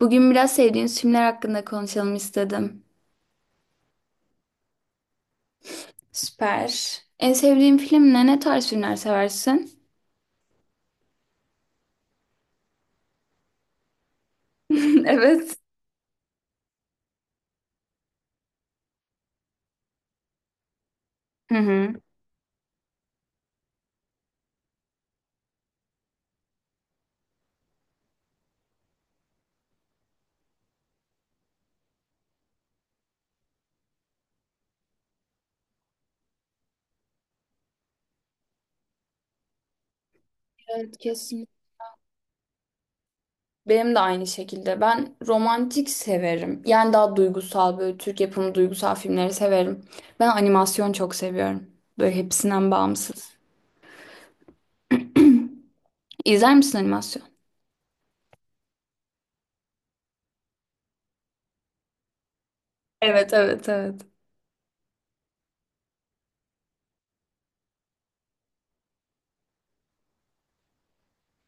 Bugün biraz sevdiğiniz filmler hakkında konuşalım istedim. Süper. En sevdiğin film ne? Ne tarz filmler seversin? Evet. Hı hı. Evet kesin. Benim de aynı şekilde. Ben romantik severim. Yani daha duygusal böyle Türk yapımı duygusal filmleri severim. Ben animasyon çok seviyorum. Böyle hepsinden bağımsız. İzler misin animasyon? Evet evet evet.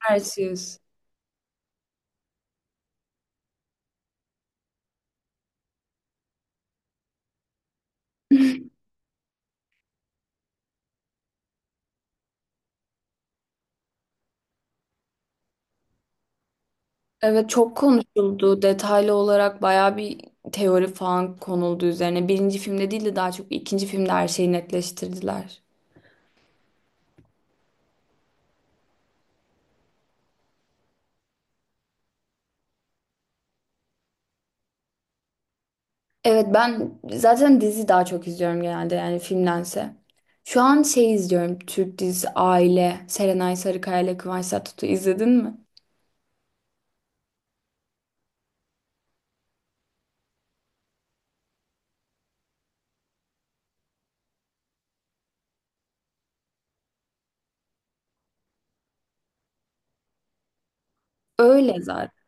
Perseus. Evet çok konuşuldu. Detaylı olarak bayağı bir teori falan konuldu üzerine. Birinci filmde değil de daha çok ikinci filmde her şeyi netleştirdiler. Evet ben zaten dizi daha çok izliyorum genelde yani filmdense. Şu an şey izliyorum Türk dizisi Aile. Serenay Sarıkaya ile Kıvanç Tatlıtuğ izledin mi? Öyle zaten.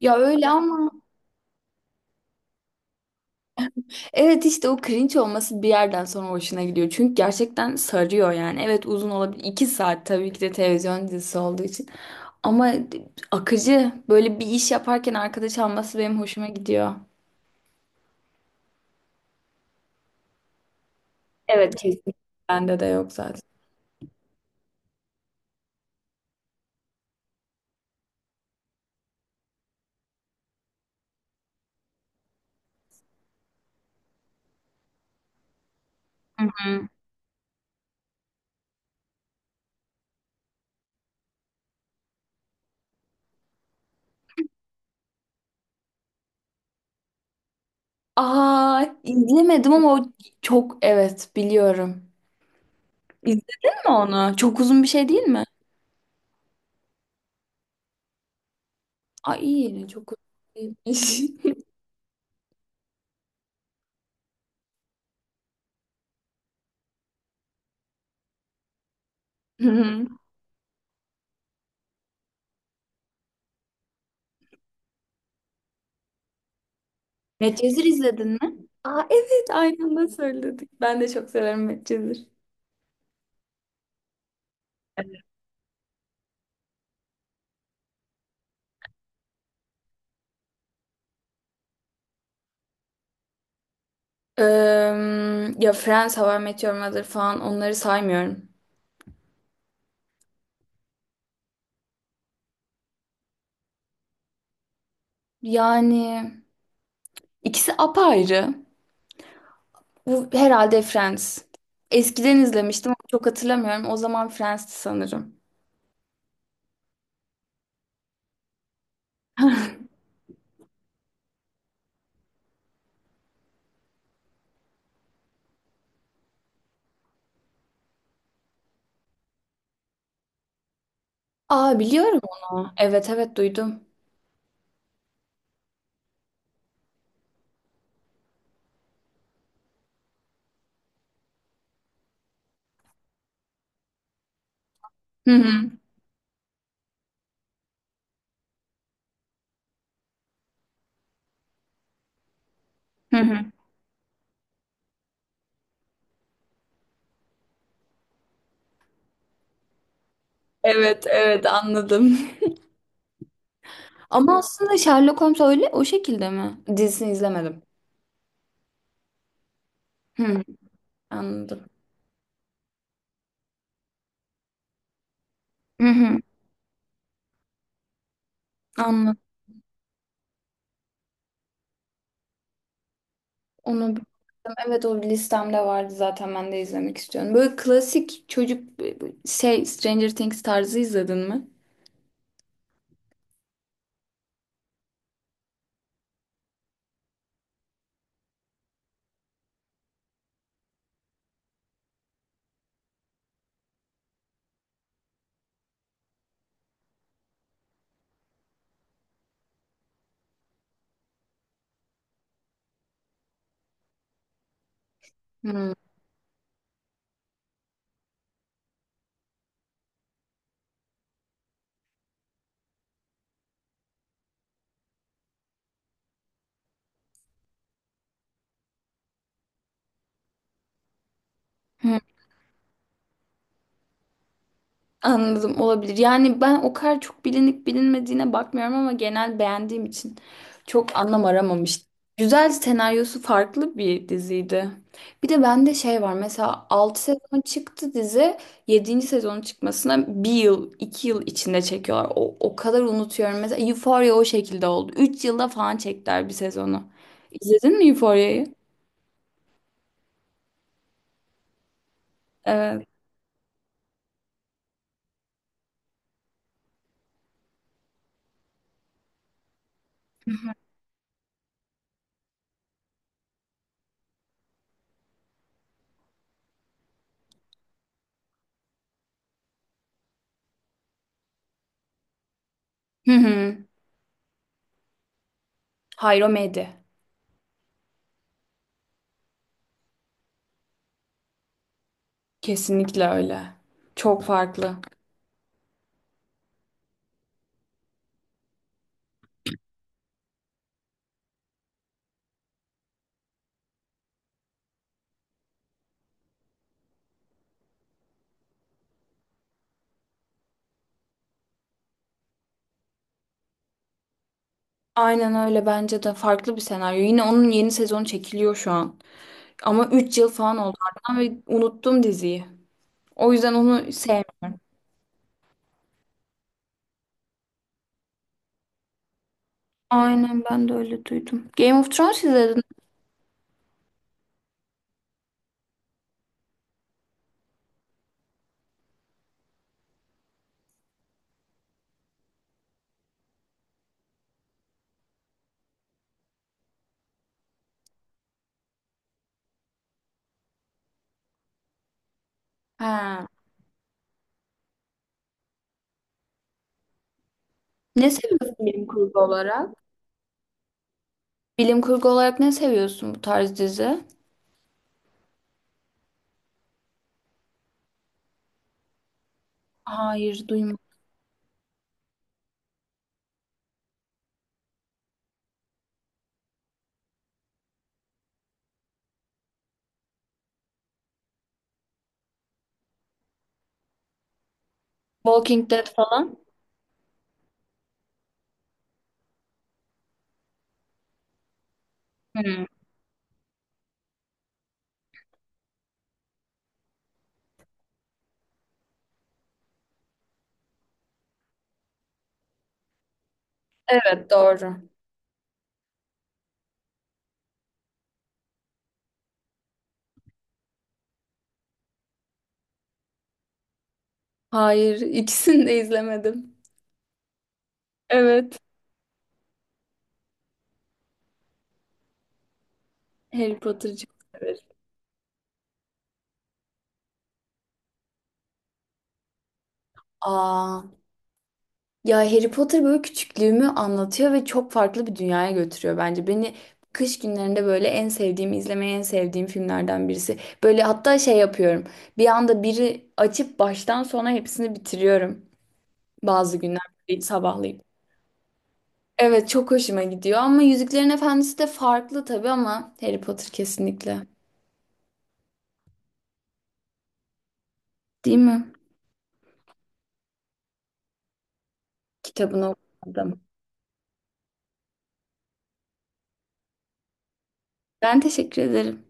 Ya öyle ama evet işte o cringe olması bir yerden sonra hoşuna gidiyor. Çünkü gerçekten sarıyor yani. Evet uzun olabilir. İki saat tabii ki de televizyon dizisi olduğu için. Ama akıcı böyle bir iş yaparken arkadaş alması benim hoşuma gidiyor. Evet kesin. Bende de yok zaten. Hı. Aa izlemedim ama o çok evet biliyorum. İzledin mi onu? Çok uzun bir şey değil mi? Ay iyi yine çok uzun değilmiş. Medcezir izledin mi? Aa evet aynen öyle söyledik. Ben de çok severim Medcezir. Eee, ya Friends, How I Met Your Mother falan onları saymıyorum. Yani ikisi apayrı. Bu herhalde Friends. Eskiden izlemiştim ama çok hatırlamıyorum. O zaman Friends'ti sanırım. Aa biliyorum onu. Evet evet duydum. Hı hı. Hı hı. Evet evet anladım. Ama aslında Sherlock Holmes öyle o şekilde mi? Dizisini izlemedim. Hı, anladım. Hı hı, anladım. Onu bilmiyorum. Evet o listemde vardı zaten ben de izlemek istiyorum. Böyle klasik çocuk şey Stranger Things tarzı izledin mi? Hmm. Anladım olabilir. Yani ben o kadar çok bilinip bilinmediğine bakmıyorum ama genel beğendiğim için çok anlam aramamıştım. Güzel senaryosu farklı bir diziydi. Bir de bende şey var mesela altı sezon çıktı dizi yedinci sezonun çıkmasına bir yıl 2 yıl içinde çekiyorlar. O kadar unutuyorum. Mesela Euphoria o şekilde oldu. Üç yılda falan çektiler bir sezonu. İzledin mi Euphoria'yı? Evet. Hı hı. Hayır o medya. Kesinlikle öyle. Çok farklı. Aynen öyle bence de farklı bir senaryo. Yine onun yeni sezonu çekiliyor şu an. Ama 3 yıl falan oldu ardından ve unuttum diziyi. O yüzden onu sevmiyorum. Aynen ben de öyle duydum. Game of Thrones izledin. Ha. Ne seviyorsun bilim kurgu olarak? Bilim kurgu olarak ne seviyorsun bu tarz dizi? Hayır duymadım. Walking Dead falan? Hmm. Evet doğru. Hayır ikisini de izlemedim. Evet. Harry Potter'cı. Evet. Aa. Ya Harry Potter böyle küçüklüğümü anlatıyor ve çok farklı bir dünyaya götürüyor bence. Beni kış günlerinde böyle en sevdiğim, izlemeyi en sevdiğim filmlerden birisi. Böyle hatta şey yapıyorum. Bir anda biri açıp baştan sona hepsini bitiriyorum. Bazı günler böyle sabahlayıp. Evet çok hoşuma gidiyor ama Yüzüklerin Efendisi de farklı tabii ama Harry Potter kesinlikle. Değil mi? Kitabını okumadım. Ben teşekkür ederim.